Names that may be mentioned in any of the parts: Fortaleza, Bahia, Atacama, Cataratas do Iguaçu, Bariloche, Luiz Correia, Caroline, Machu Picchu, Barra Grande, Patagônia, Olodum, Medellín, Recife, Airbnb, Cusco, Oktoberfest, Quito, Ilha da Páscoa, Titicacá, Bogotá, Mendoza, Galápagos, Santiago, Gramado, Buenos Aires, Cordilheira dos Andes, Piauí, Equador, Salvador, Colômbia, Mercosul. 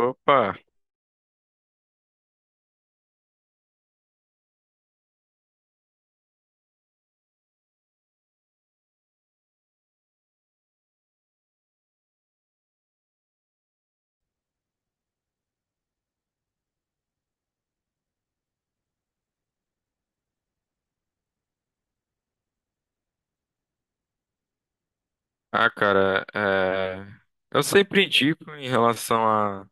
Opa! Ah, cara, eu sempre indico em relação a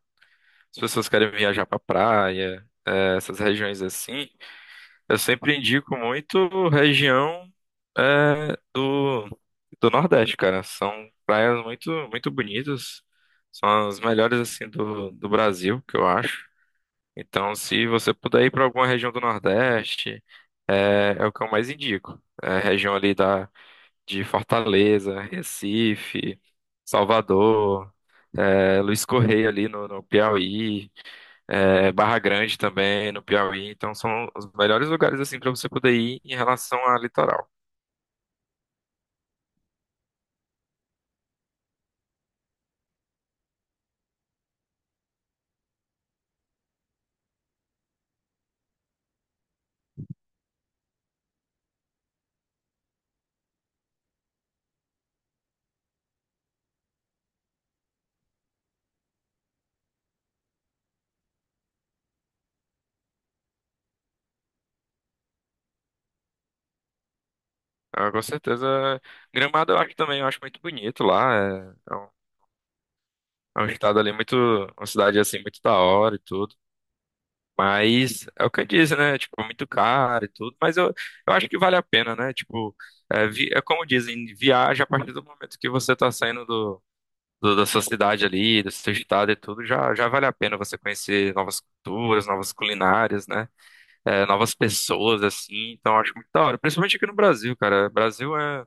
as pessoas querem viajar pra praia, essas regiões assim, eu sempre indico muito região é, do, do Nordeste, cara. São praias muito, muito bonitas, são as melhores assim do Brasil, que eu acho. Então, se você puder ir pra alguma região do Nordeste, é o que eu mais indico. É a região ali da de Fortaleza, Recife, Salvador, Luiz Correia ali no Piauí, Barra Grande também no Piauí. Então são os melhores lugares assim para você poder ir em relação a litoral. Ah, com certeza, Gramado eu acho também, eu acho muito bonito lá. É um estado ali muito, uma cidade assim muito da hora e tudo. Mas é o que eu disse, né? Tipo, é muito caro e tudo, eu acho que vale a pena, né? Tipo, é como dizem, viaja a partir do momento que você tá saindo da sua cidade ali, do seu estado e tudo, já vale a pena você conhecer novas culturas, novas culinárias, né? É, novas pessoas, assim, então eu acho muito da hora. Principalmente aqui no Brasil, cara. Brasil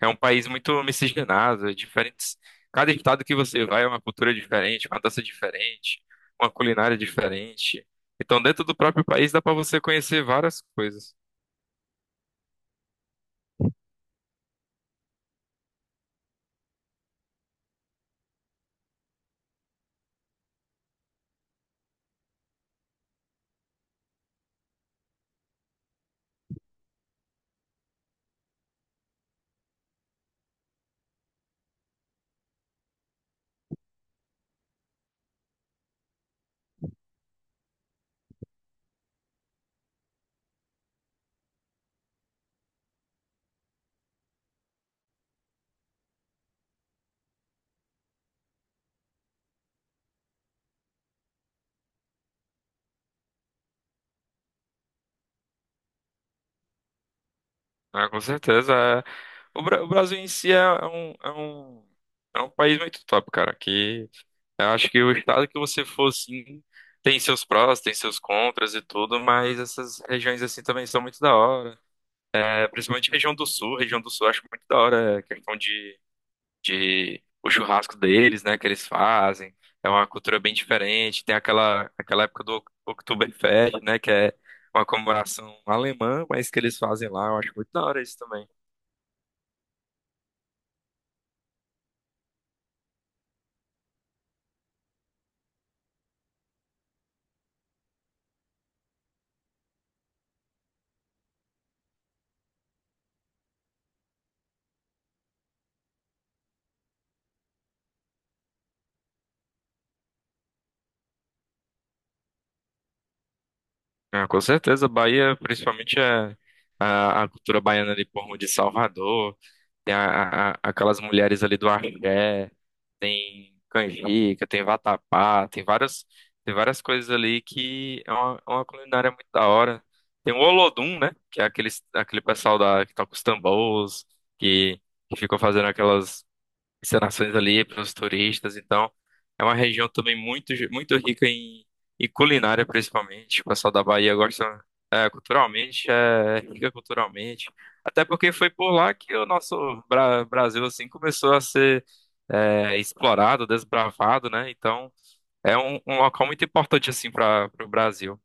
é um país muito miscigenado, é diferentes. Cada estado que você vai é uma cultura diferente, uma dança diferente, uma culinária diferente. Então, dentro do próprio país dá para você conhecer várias coisas. Né? Com certeza. É. O Brasil em si é um, um, é um país muito top, cara. Que eu acho que o estado que você for, assim, tem seus prós, tem seus contras e tudo, mas essas regiões assim também são muito da hora. É, principalmente região do sul eu acho muito da hora. Questão de o churrasco deles, né, que eles fazem. É uma cultura bem diferente. Tem aquela época do Oktoberfest, né, que é uma comemoração alemã, mas que eles fazem lá, eu acho muito da hora isso também. Ah, com certeza, Bahia, principalmente é a cultura baiana ali por de Salvador. Tem aquelas mulheres ali do axé, tem canjica, tem vatapá, tem várias coisas ali que é uma culinária muito da hora. Tem o Olodum, né? Que é aquele, aquele pessoal da, que toca os tambores, que, que ficou fazendo aquelas encenações ali para os turistas. Então, é uma região também muito, muito rica em, em culinária, principalmente. O pessoal da Bahia gosta, é, culturalmente, é rica culturalmente. Até porque foi por lá que o nosso Brasil assim começou a ser é, explorado, desbravado, né? Então, um local muito importante assim para o Brasil.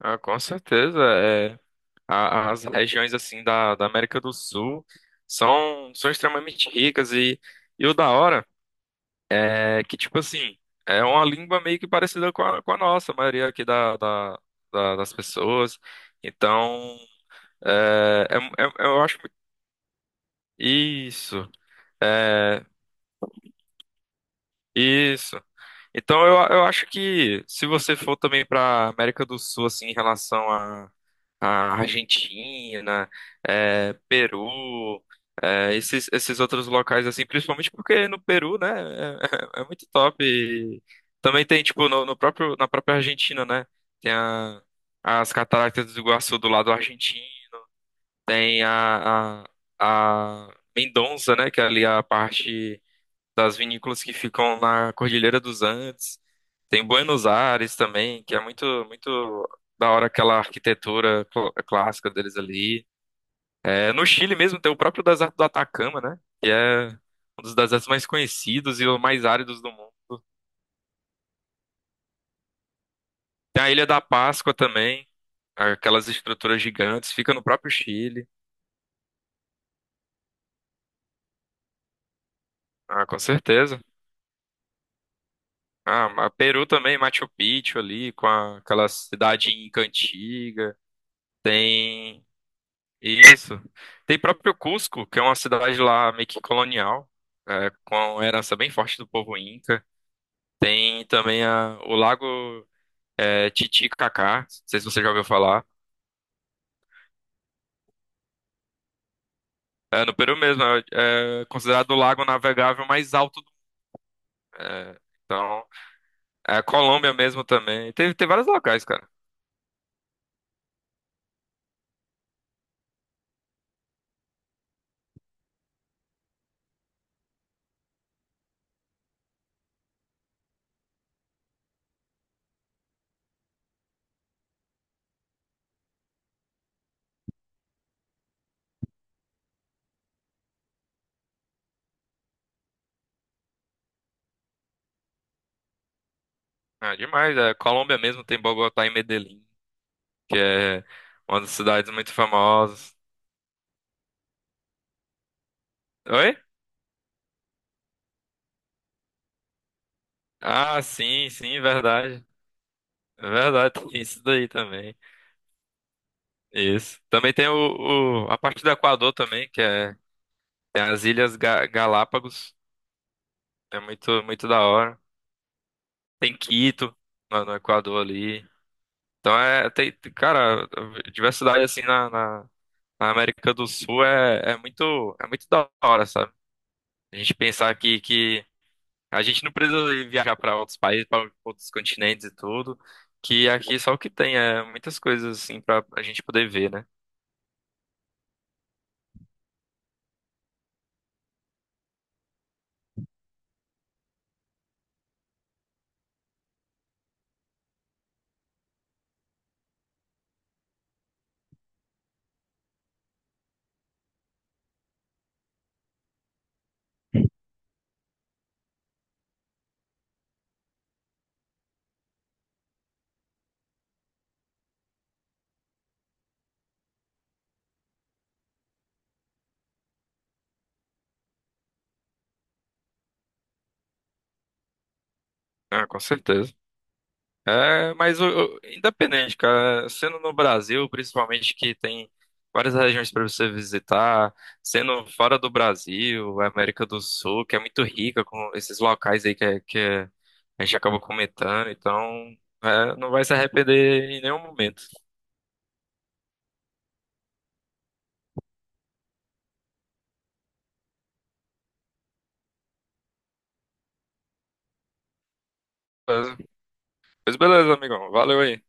Ah, com certeza, as regiões assim da América do Sul são, são extremamente ricas e o da hora. É que, tipo assim, é uma língua meio que parecida com a nossa, a maioria aqui das pessoas. Então, eu acho. Isso, é, isso. Então, eu acho que se você for também para América do Sul, assim, em relação a Argentina, é, Peru, é, esses, esses outros locais, assim, principalmente porque no Peru, né, é muito top. E também tem, tipo, no próprio, na própria Argentina, né, tem a, as Cataratas do Iguaçu do lado argentino, tem a, a, a Mendoza, né, que é ali a parte das vinícolas que ficam na Cordilheira dos Andes. Tem Buenos Aires também, que é muito, muito da hora aquela arquitetura clássica deles ali. É, no Chile mesmo tem o próprio deserto do Atacama, né? Que é um dos desertos mais conhecidos e os mais áridos do mundo. Tem a Ilha da Páscoa também, aquelas estruturas gigantes, fica no próprio Chile. Ah, com certeza. Ah, Peru também, Machu Picchu ali, aquela cidade inca antiga. Tem isso. Tem próprio Cusco, que é uma cidade lá meio que colonial, é, com herança bem forte do povo Inca. Tem também o Lago é, Titicacá, não sei se você já ouviu falar. É, no Peru mesmo, é, é considerado o lago navegável mais alto do é, então, a Colômbia mesmo também. Tem, tem vários locais, cara. É demais. É, Colômbia mesmo tem Bogotá e Medellín, que é uma das cidades muito famosas. Oi? Ah, sim, sim, verdade. Verdade, tem isso daí também. Isso. Também tem a parte do Equador também, que é tem as Ilhas Galápagos. É muito muito da hora. Tem Quito no Equador ali. Então é cara, diversidade assim na América do Sul é muito da hora, sabe? A gente pensar que a gente não precisa ir viajar para outros países, para outros continentes e tudo, que aqui só o que tem é muitas coisas assim para a gente poder ver, né? Ah, com certeza. É, independente, cara, sendo no Brasil, principalmente que tem várias regiões para você visitar, sendo fora do Brasil, América do Sul, que é muito rica com esses locais aí que a gente acaba comentando, então é, não vai se arrepender em nenhum momento. Mas- Pois beleza, amigão, valeu aí.